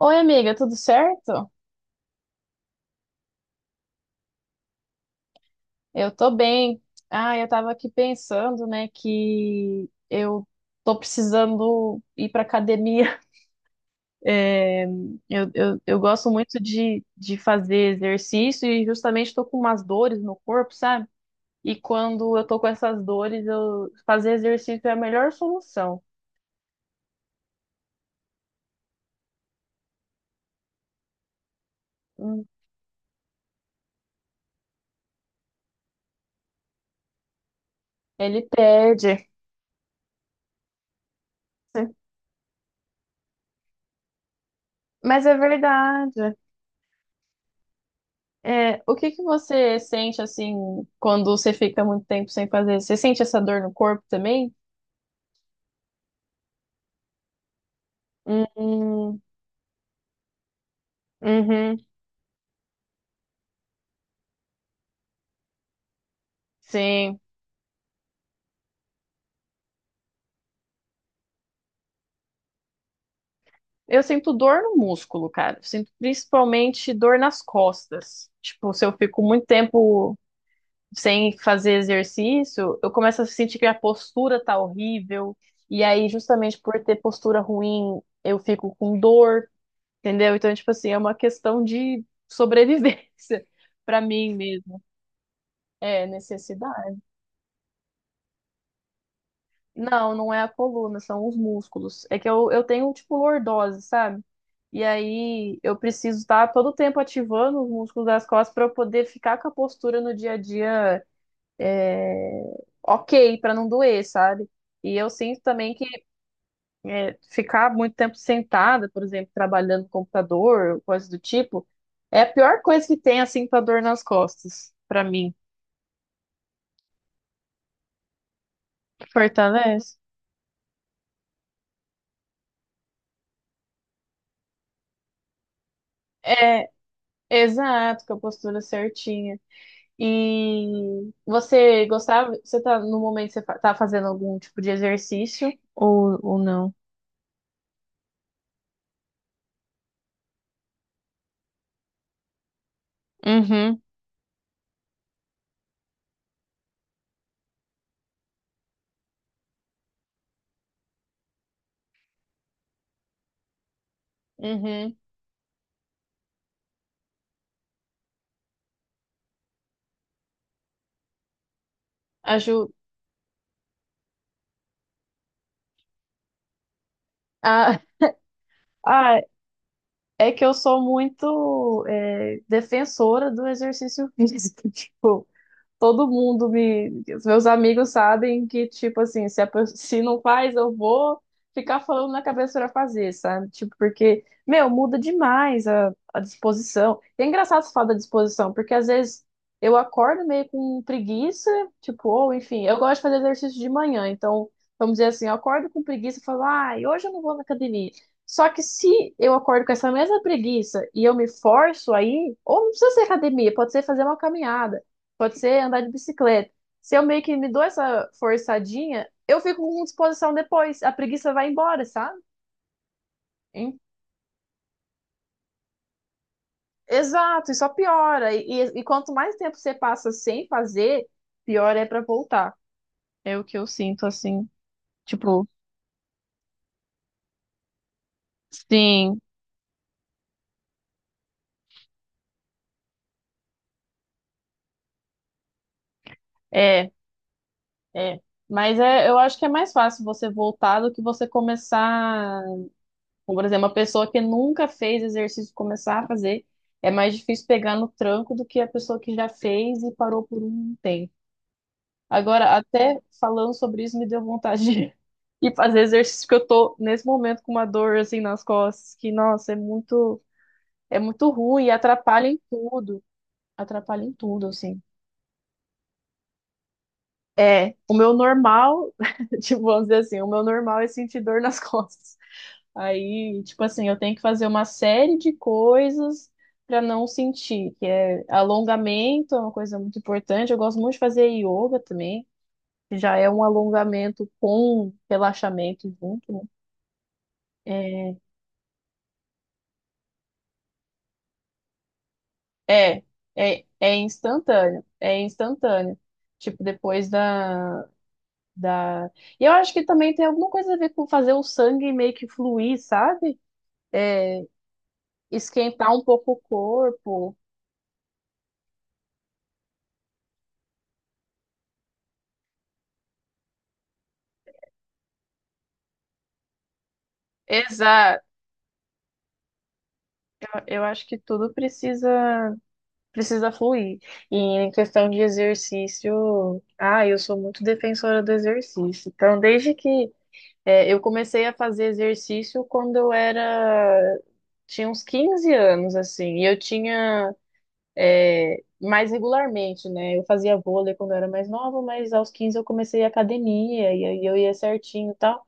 Oi, amiga, tudo certo? Eu tô bem. Ah, eu tava aqui pensando, né, que eu tô precisando ir pra academia. É, eu gosto muito de fazer exercício e justamente tô com umas dores no corpo, sabe? E quando eu tô com essas dores, eu fazer exercício é a melhor solução. Hum. Ele perde. Mas é verdade. É, o que que você sente assim quando você fica muito tempo sem fazer? Você sente essa dor no corpo também? Hum. Uhum. Sim. Eu sinto dor no músculo, cara. Eu Sinto principalmente dor nas costas. Tipo, se eu fico muito tempo sem fazer exercício, eu começo a sentir que a postura tá horrível. E aí, justamente por ter postura ruim, eu fico com dor, entendeu? Então, tipo assim, é uma questão de sobrevivência pra mim mesmo. É, necessidade. Não, não é a coluna, são os músculos. É que eu tenho, tipo, lordose, sabe? E aí eu preciso estar todo tempo ativando os músculos das costas para eu poder ficar com a postura no dia a dia, é, ok, para não doer, sabe? E eu sinto também que é, ficar muito tempo sentada, por exemplo, trabalhando no computador, coisa do tipo, é a pior coisa que tem, assim, pra dor nas costas, pra mim. Fortalece. É, exato, com a postura certinha. E você gostava? Você tá no momento, você tá fazendo algum tipo de exercício ou não? Uhum. Uhum. Aju Ah. Ah, é que eu sou muito é, defensora do exercício físico. Tipo, todo mundo me. Os meus amigos sabem que, tipo assim, se, a se não faz, eu vou ficar falando na cabeça pra fazer, sabe? Tipo, porque, meu, muda demais a disposição. E é engraçado você falar da disposição, porque às vezes eu acordo meio com preguiça, tipo, ou enfim, eu gosto de fazer exercício de manhã, então, vamos dizer assim, eu acordo com preguiça e falo, ai, hoje eu não vou na academia. Só que se eu acordo com essa mesma preguiça e eu me forço aí, ou não precisa ser academia, pode ser fazer uma caminhada. Pode ser andar de bicicleta. Se eu meio que me dou essa forçadinha, eu fico com disposição depois. A preguiça vai embora, sabe? Hein? Exato, e só piora. E quanto mais tempo você passa sem fazer, pior é pra voltar. É o que eu sinto, assim. Tipo, sim, é, é. Mas é, eu acho que é mais fácil você voltar do que você começar. Como, por exemplo, uma pessoa que nunca fez exercício começar a fazer, é mais difícil pegar no tranco do que a pessoa que já fez e parou por um tempo. Agora, até falando sobre isso, me deu vontade de ir fazer exercício, porque eu tô nesse momento com uma dor assim nas costas, que, nossa, é muito ruim e atrapalha em tudo. Atrapalha em tudo, assim. É, o meu normal, tipo, vamos dizer assim, o meu normal é sentir dor nas costas. Aí, tipo assim, eu tenho que fazer uma série de coisas para não sentir, que é alongamento, é uma coisa muito importante. Eu gosto muito de fazer yoga também. Já é um alongamento com relaxamento junto, né? É, é, é instantâneo, é instantâneo. Tipo, depois da, da... E eu acho que também tem alguma coisa a ver com fazer o sangue meio que fluir, sabe? É, esquentar um pouco o corpo. Exato. Eu acho que tudo precisa, precisa fluir. E em questão de exercício, ah, eu sou muito defensora do exercício. Então, desde que é, eu comecei a fazer exercício quando eu era, tinha uns 15 anos, assim, e eu tinha, é, mais regularmente, né? Eu fazia vôlei quando eu era mais nova, mas aos 15 eu comecei a academia, e aí eu ia certinho e tal.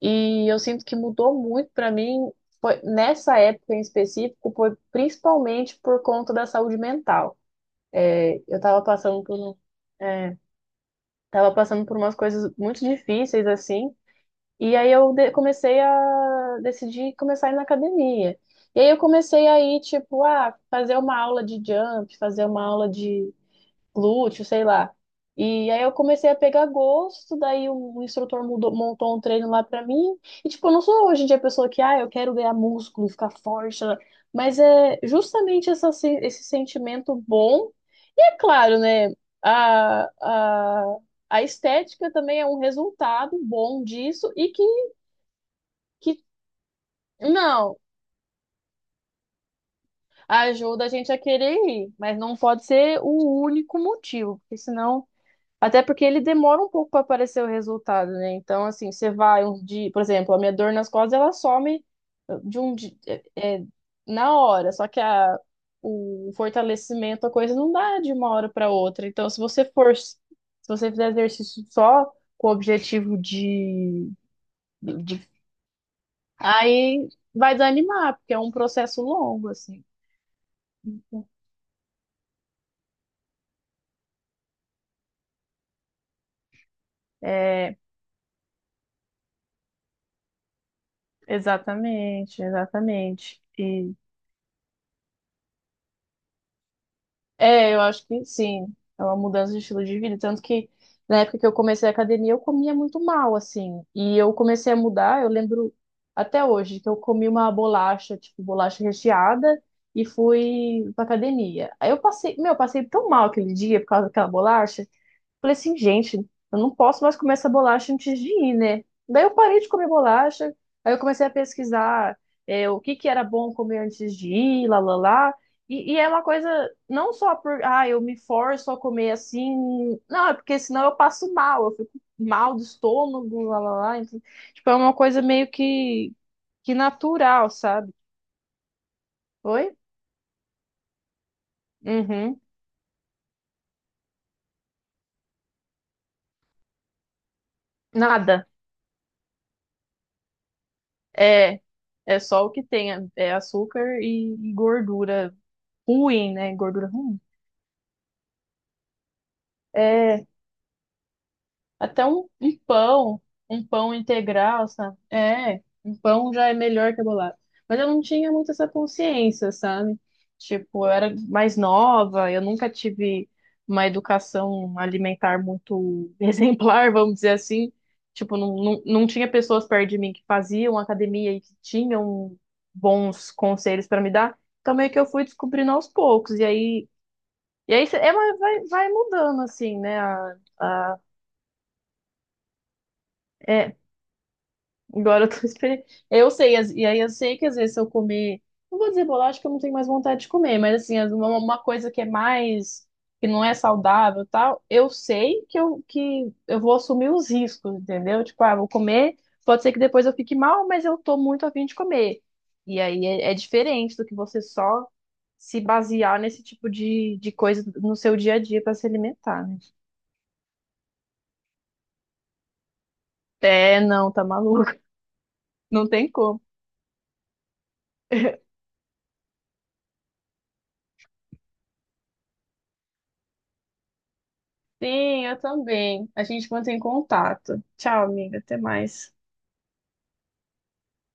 E eu sinto que mudou muito pra mim, nessa época em específico, foi principalmente por conta da saúde mental. É, eu tava passando por, é, tava passando por umas coisas muito difíceis, assim, e aí eu comecei a decidir começar a ir na academia. E aí eu comecei a ir, tipo, ah, fazer uma aula de jump, fazer uma aula de glúteo, sei lá. E aí eu comecei a pegar gosto, daí o instrutor montou um treino lá pra mim. E tipo, eu não sou hoje em dia a pessoa que, ah, eu quero ganhar músculo, ficar forte, né? Mas é justamente essa, esse sentimento bom. E é claro, né, a, a- a estética também é um resultado bom disso e que não ajuda a gente a querer ir, mas não pode ser o único motivo, porque senão, até porque ele demora um pouco para aparecer o resultado, né? Então, assim, você vai um dia, por exemplo, a minha dor nas costas, ela some de um dia, é, é, na hora, só que a, o fortalecimento, a coisa não dá de uma hora para outra. Então, se você for, se você fizer exercício só com o objetivo de, aí vai desanimar, porque é um processo longo, assim. É, exatamente, exatamente. E é, eu acho que sim, é uma mudança de estilo de vida. Tanto que na época que eu comecei a academia, eu comia muito mal, assim. E eu comecei a mudar, eu lembro até hoje que eu comi uma bolacha, tipo bolacha recheada, e fui pra academia. Aí eu passei, meu, eu passei tão mal aquele dia por causa daquela bolacha. Falei assim, gente, eu não posso mais comer essa bolacha antes de ir, né? Daí eu parei de comer bolacha, aí eu comecei a pesquisar é, o que que era bom comer antes de ir, lá, lá, lá. E é uma coisa, não só por, ah, eu me forço a comer assim, não, é porque senão eu passo mal, eu fico mal do estômago, lá, lá, lá. Então, tipo, é uma coisa meio que natural, sabe? Oi? Uhum. Nada. É, é só o que tem, é, é açúcar e gordura ruim, né? Gordura ruim. É, até um, um pão integral, sabe? É, um pão já é melhor que a bolada. Mas eu não tinha muito essa consciência, sabe? Tipo, eu era mais nova, eu nunca tive uma educação alimentar muito exemplar, vamos dizer assim. Tipo, não tinha pessoas perto de mim que faziam academia e que tinham bons conselhos para me dar. Então, meio que eu fui descobrindo aos poucos. E aí, e aí é, mas vai, vai mudando, assim, né? É, agora eu tô esperando. Eu sei, e aí eu sei que às vezes se eu comer. Não vou dizer bolacha que eu não tenho mais vontade de comer, mas assim, uma coisa que é mais, que não é saudável e tal, eu sei que que eu vou assumir os riscos, entendeu? Tipo, ah, vou comer, pode ser que depois eu fique mal, mas eu tô muito a fim de comer. E aí é, é diferente do que você só se basear nesse tipo de coisa no seu dia a dia para se alimentar, né? É, não, tá maluco. Não tem como. Sim, eu também. A gente mantém contato. Tchau, amiga. Até mais.